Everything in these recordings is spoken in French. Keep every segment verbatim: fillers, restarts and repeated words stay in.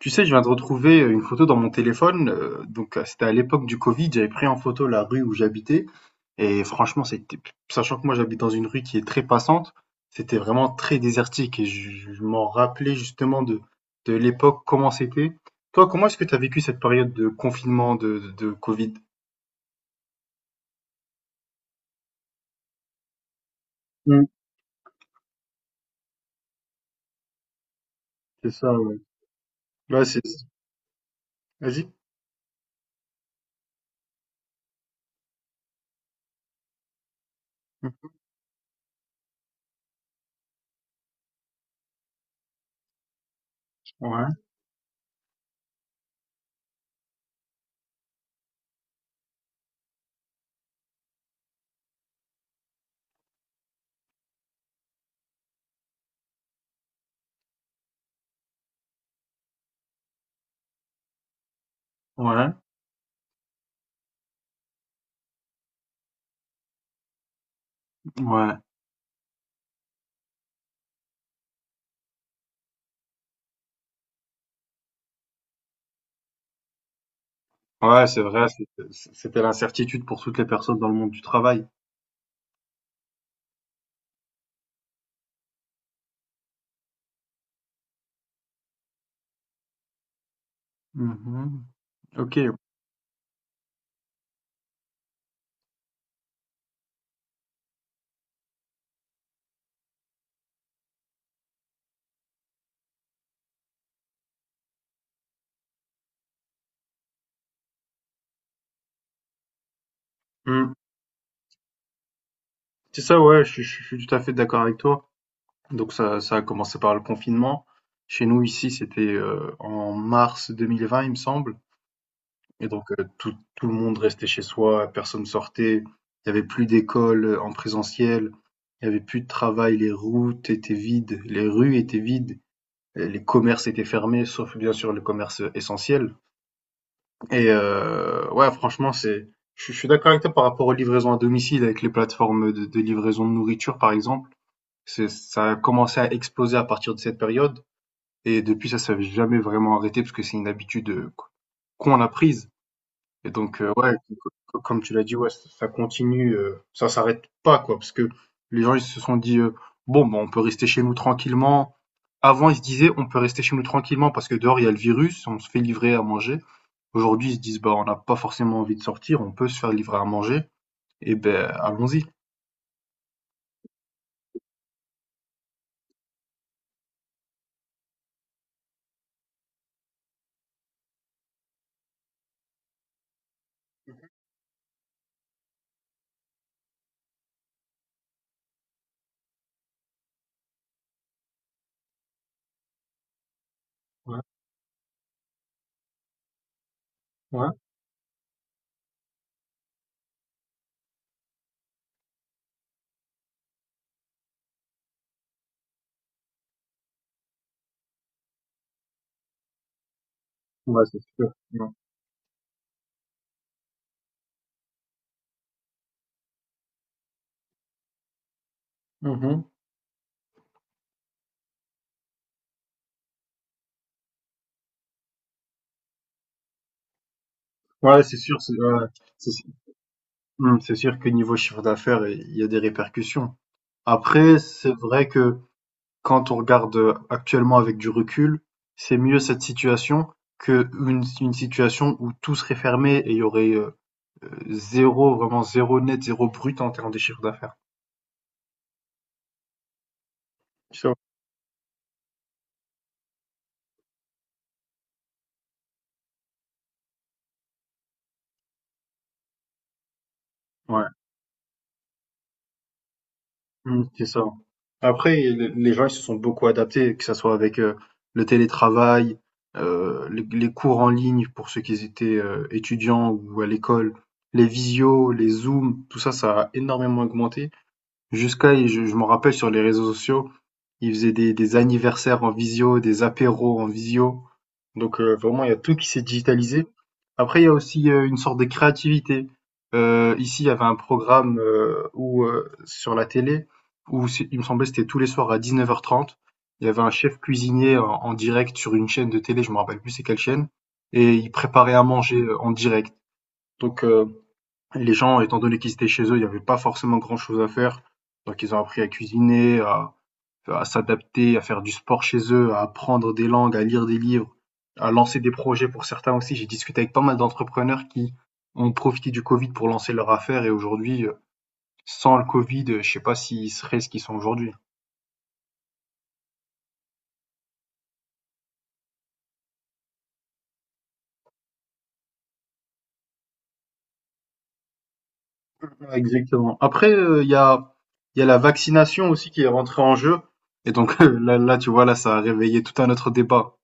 Tu sais, je viens de retrouver euh, une photo dans mon téléphone. euh, donc, euh, c'était à l'époque du Covid. J'avais pris en photo la rue où j'habitais. Et franchement, c'était, sachant que moi, j'habite dans une rue qui est très passante, c'était vraiment très désertique. Et je, je m'en rappelais justement de, de l'époque, comment c'était. Toi, comment est-ce que tu as vécu cette période de confinement, de, de, de Covid? Mm, c'est ça, ouais. Ouais, c'est, vas-y. Ouais. Ouais, ouais. Ouais, c'est vrai, c'était c'était l'incertitude pour toutes les personnes dans le monde du travail. Mhm. Ok. Mm. C'est ça, ouais, je suis je suis tout à fait d'accord avec toi. Donc ça ça a commencé par le confinement. Chez nous, ici, c'était, heu, en mars deux mille vingt, il me semble, et donc heu, tout tout le monde restait chez soi, personne sortait. Il y avait plus d'école, en présentiel, il y avait plus de travail, les routes étaient vides, les rues étaient vides, heu, les commerces étaient fermés, sauf bien sûr les commerces essentiels, et heu, ouais, franchement, c'est, je suis je suis d'accord avec toi par rapport aux livraisons à domicile avec les plateformes de de livraison de nourriture, par exemple. C'est, ça a commencé à exploser à partir de cette période et depuis ça ne s'est jamais vraiment arrêté parce que c'est une habitude, heu, qu'on a prise. Et donc heu, ouais, c c comme tu l'as dit, ouais, ç ça continue, heu, ça s'arrête pas, quoi, parce que les gens, ils se sont dit, heu: «Bon, ben, on peut rester chez nous tranquillement». Avant, ils se disaient: «On peut rester chez nous tranquillement parce que dehors, il y a le virus, on se fait livrer à manger». Aujourd'hui, ils se disent: «Bah, on n'a pas forcément envie de sortir, on peut se faire livrer à manger et ben allons-y». Ouais, ouais. Ouais, c'est sûr. Mmh. Mmh. Ouais, c'est sûr, c'est, ouais, c'est sûr, mmh, c'est sûr que niveau chiffre d'affaires, il y a des répercussions. Après, c'est vrai que quand on regarde euh, actuellement avec du recul, c'est mieux cette situation que une, une situation où tout serait fermé et il y aurait euh, euh, zéro, vraiment zéro net, zéro brut en termes de chiffre d'affaires. Sure. Ouais. Mmh, c'est ça. Après, le- les gens, ils se sont beaucoup adaptés, que ça soit avec euh, le télétravail, euh, les, les cours en ligne pour ceux qui étaient euh, étudiants ou à l'école, les visios, les zooms, tout ça, ça a énormément augmenté. Jusqu'à, je je m'en rappelle, sur les réseaux sociaux, ils faisaient des des anniversaires en visio, des apéros en visio. Donc, heu, vraiment, il y a tout qui s'est digitalisé. Après, il y a aussi, heu, une sorte de créativité. Heu, ici, il y avait un programme, heu, où, heu, sur la télé, où c'est, il me semblait que c'était tous les soirs à dix-neuf heures trente. Il y avait un chef cuisinier en en direct sur une chaîne de télé, je me rappelle plus c'est quelle chaîne, et il préparait à manger, heu, en direct. Donc, heu les gens, étant donné qu'ils étaient chez eux, il n'y avait pas forcément grand-chose à faire. Donc ils ont appris à cuisiner, à à s'adapter, à faire du sport chez eux, à apprendre des langues, à lire des livres, à lancer des projets pour certains aussi. J'ai discuté avec pas mal d'entrepreneurs qui ont profité du Covid pour lancer leur affaire et aujourd'hui, euh, sans le Covid, euh, je sais pas s'ils seraient ce qu'ils sont aujourd'hui. Ouais, exactement. Après, euh, il y a, il y a la vaccination aussi qui est rentrée en jeu. Et donc là, là, tu vois, là, ça a réveillé tout un autre débat.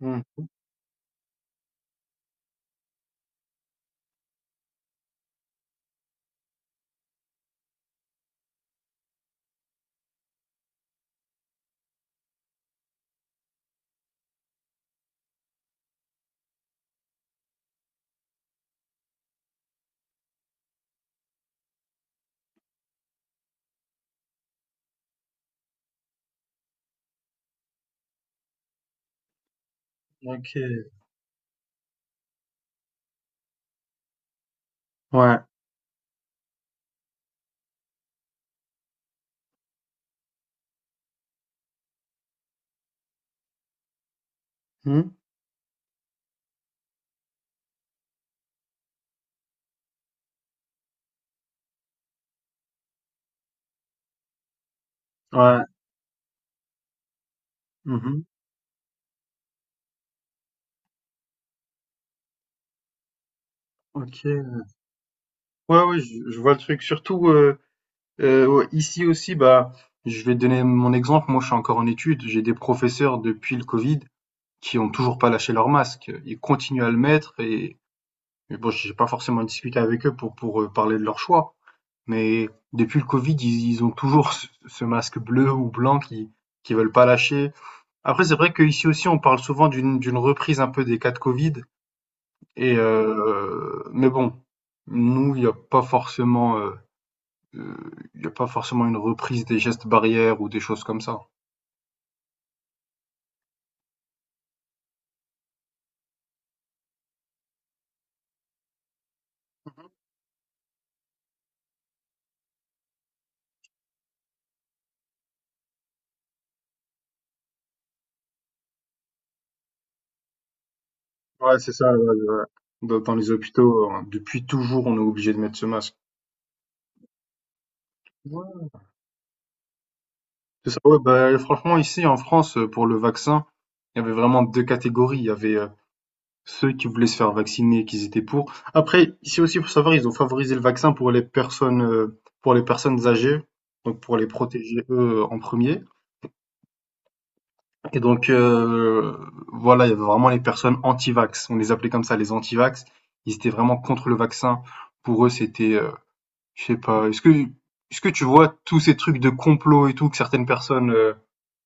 Hmm. Ok. Ouais. Hmm. Ouais. Mmh. OK. Ouais, ouais, je je vois le truc. Surtout, heu heu, ouais, ici aussi, bah, je vais te donner mon exemple. Moi, je suis encore en études. J'ai des professeurs depuis le Covid qui ont toujours pas lâché leur masque. Ils continuent à le mettre et, mais bon, j'ai pas forcément discuté avec eux pour pour, heu, parler de leur choix. Mais depuis le Covid, ils ils ont toujours ce ce masque bleu ou blanc qui qui veulent pas lâcher. Après, c'est vrai qu'ici aussi, on parle souvent d'une d'une reprise un peu des cas de Covid. Et heu, mais bon, nous, il y a pas forcément, heu heu, il y a pas forcément une reprise des gestes barrières ou des choses comme ça. Ouais, c'est ça, ouais, ouais. Dans dans les hôpitaux, heu, depuis toujours, on est obligé de mettre ce masque. Ouais. C'est ça, ouais, bah, franchement, ici, en France, heu, pour le vaccin, il y avait vraiment deux catégories. Il y avait, heu, ceux qui voulaient se faire vacciner et qu'ils étaient pour. Après, ici aussi, faut savoir, ils ont favorisé le vaccin pour les personnes, heu, pour les personnes âgées, donc pour les protéger, eux, en premier. Et donc, heu, voilà, il y avait vraiment les personnes anti-vax. On les appelait comme ça, les anti-vax. Ils étaient vraiment contre le vaccin. Pour eux, c'était, heu, je sais pas, est-ce que est-ce que tu vois tous ces trucs de complot et tout que certaines personnes, heu,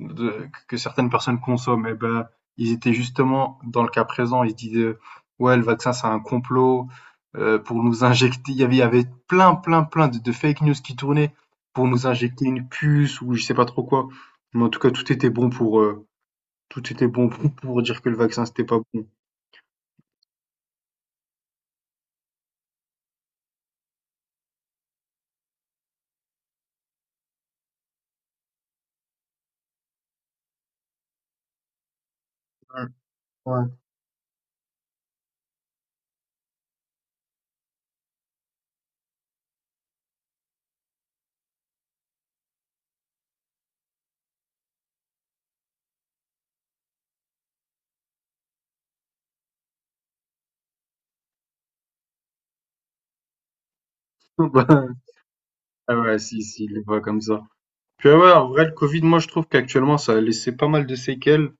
de que certaines personnes consomment? Eh ben, ils étaient justement dans le cas présent, ils se disaient, heu: «Ouais, le vaccin, c'est un complot, heu, pour nous injecter». Il y avait il y avait plein, plein, plein de de fake news qui tournaient pour nous injecter une puce ou je sais pas trop quoi. Mais en tout cas, tout était bon pour, heu tout était bon pour pour dire que le vaccin, c'était pas bon. Ouais, bah, ah ouais, si, si, il est pas comme ça. Puis ah ouais, en vrai, le Covid, moi, je trouve qu'actuellement, ça a laissé pas mal de séquelles.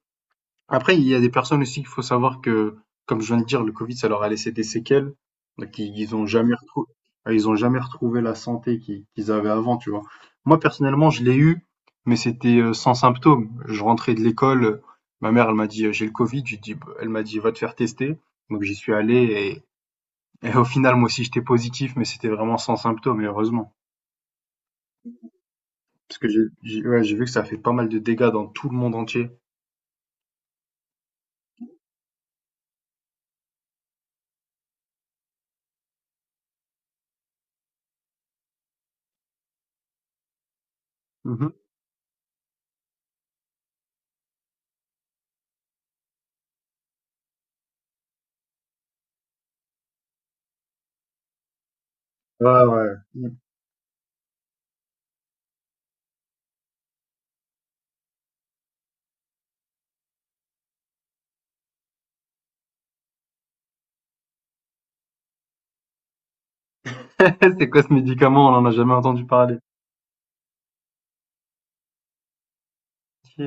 Après, il y a des personnes aussi qu'il faut savoir que, comme je viens de dire, le Covid, ça leur a laissé des séquelles. Donc, ils ils ont jamais retrouvé, ils ont jamais retrouvé la santé qu'ils qu'ils avaient avant, tu vois. Moi, personnellement, je l'ai eu, mais c'était euh, sans symptômes. Je rentrais de l'école, euh, ma mère, elle m'a dit, euh, j'ai le Covid. J'ai dit, bah, elle m'a dit, va te faire tester. Donc, j'y suis allé. Et au final, moi aussi, j'étais positif, mais c'était vraiment sans symptômes, et heureusement. Parce que j'ai j'ai- ouais, j'ai vu que ça fait pas mal de dégâts dans tout le monde entier. Mhm. Ouais, ouais. C'est quoi ce médicament? On en a jamais entendu parler. Ok.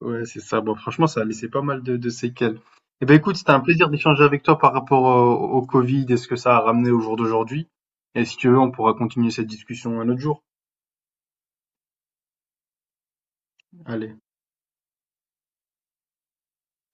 Ouais, c'est ça. Bon, franchement, ça a laissé pas mal de, de séquelles. Eh ben, écoute, c'était un plaisir d'échanger avec toi par rapport au, au Covid et ce que ça a ramené au jour d'aujourd'hui. Et si tu veux, on pourra continuer cette discussion un autre jour. Allez.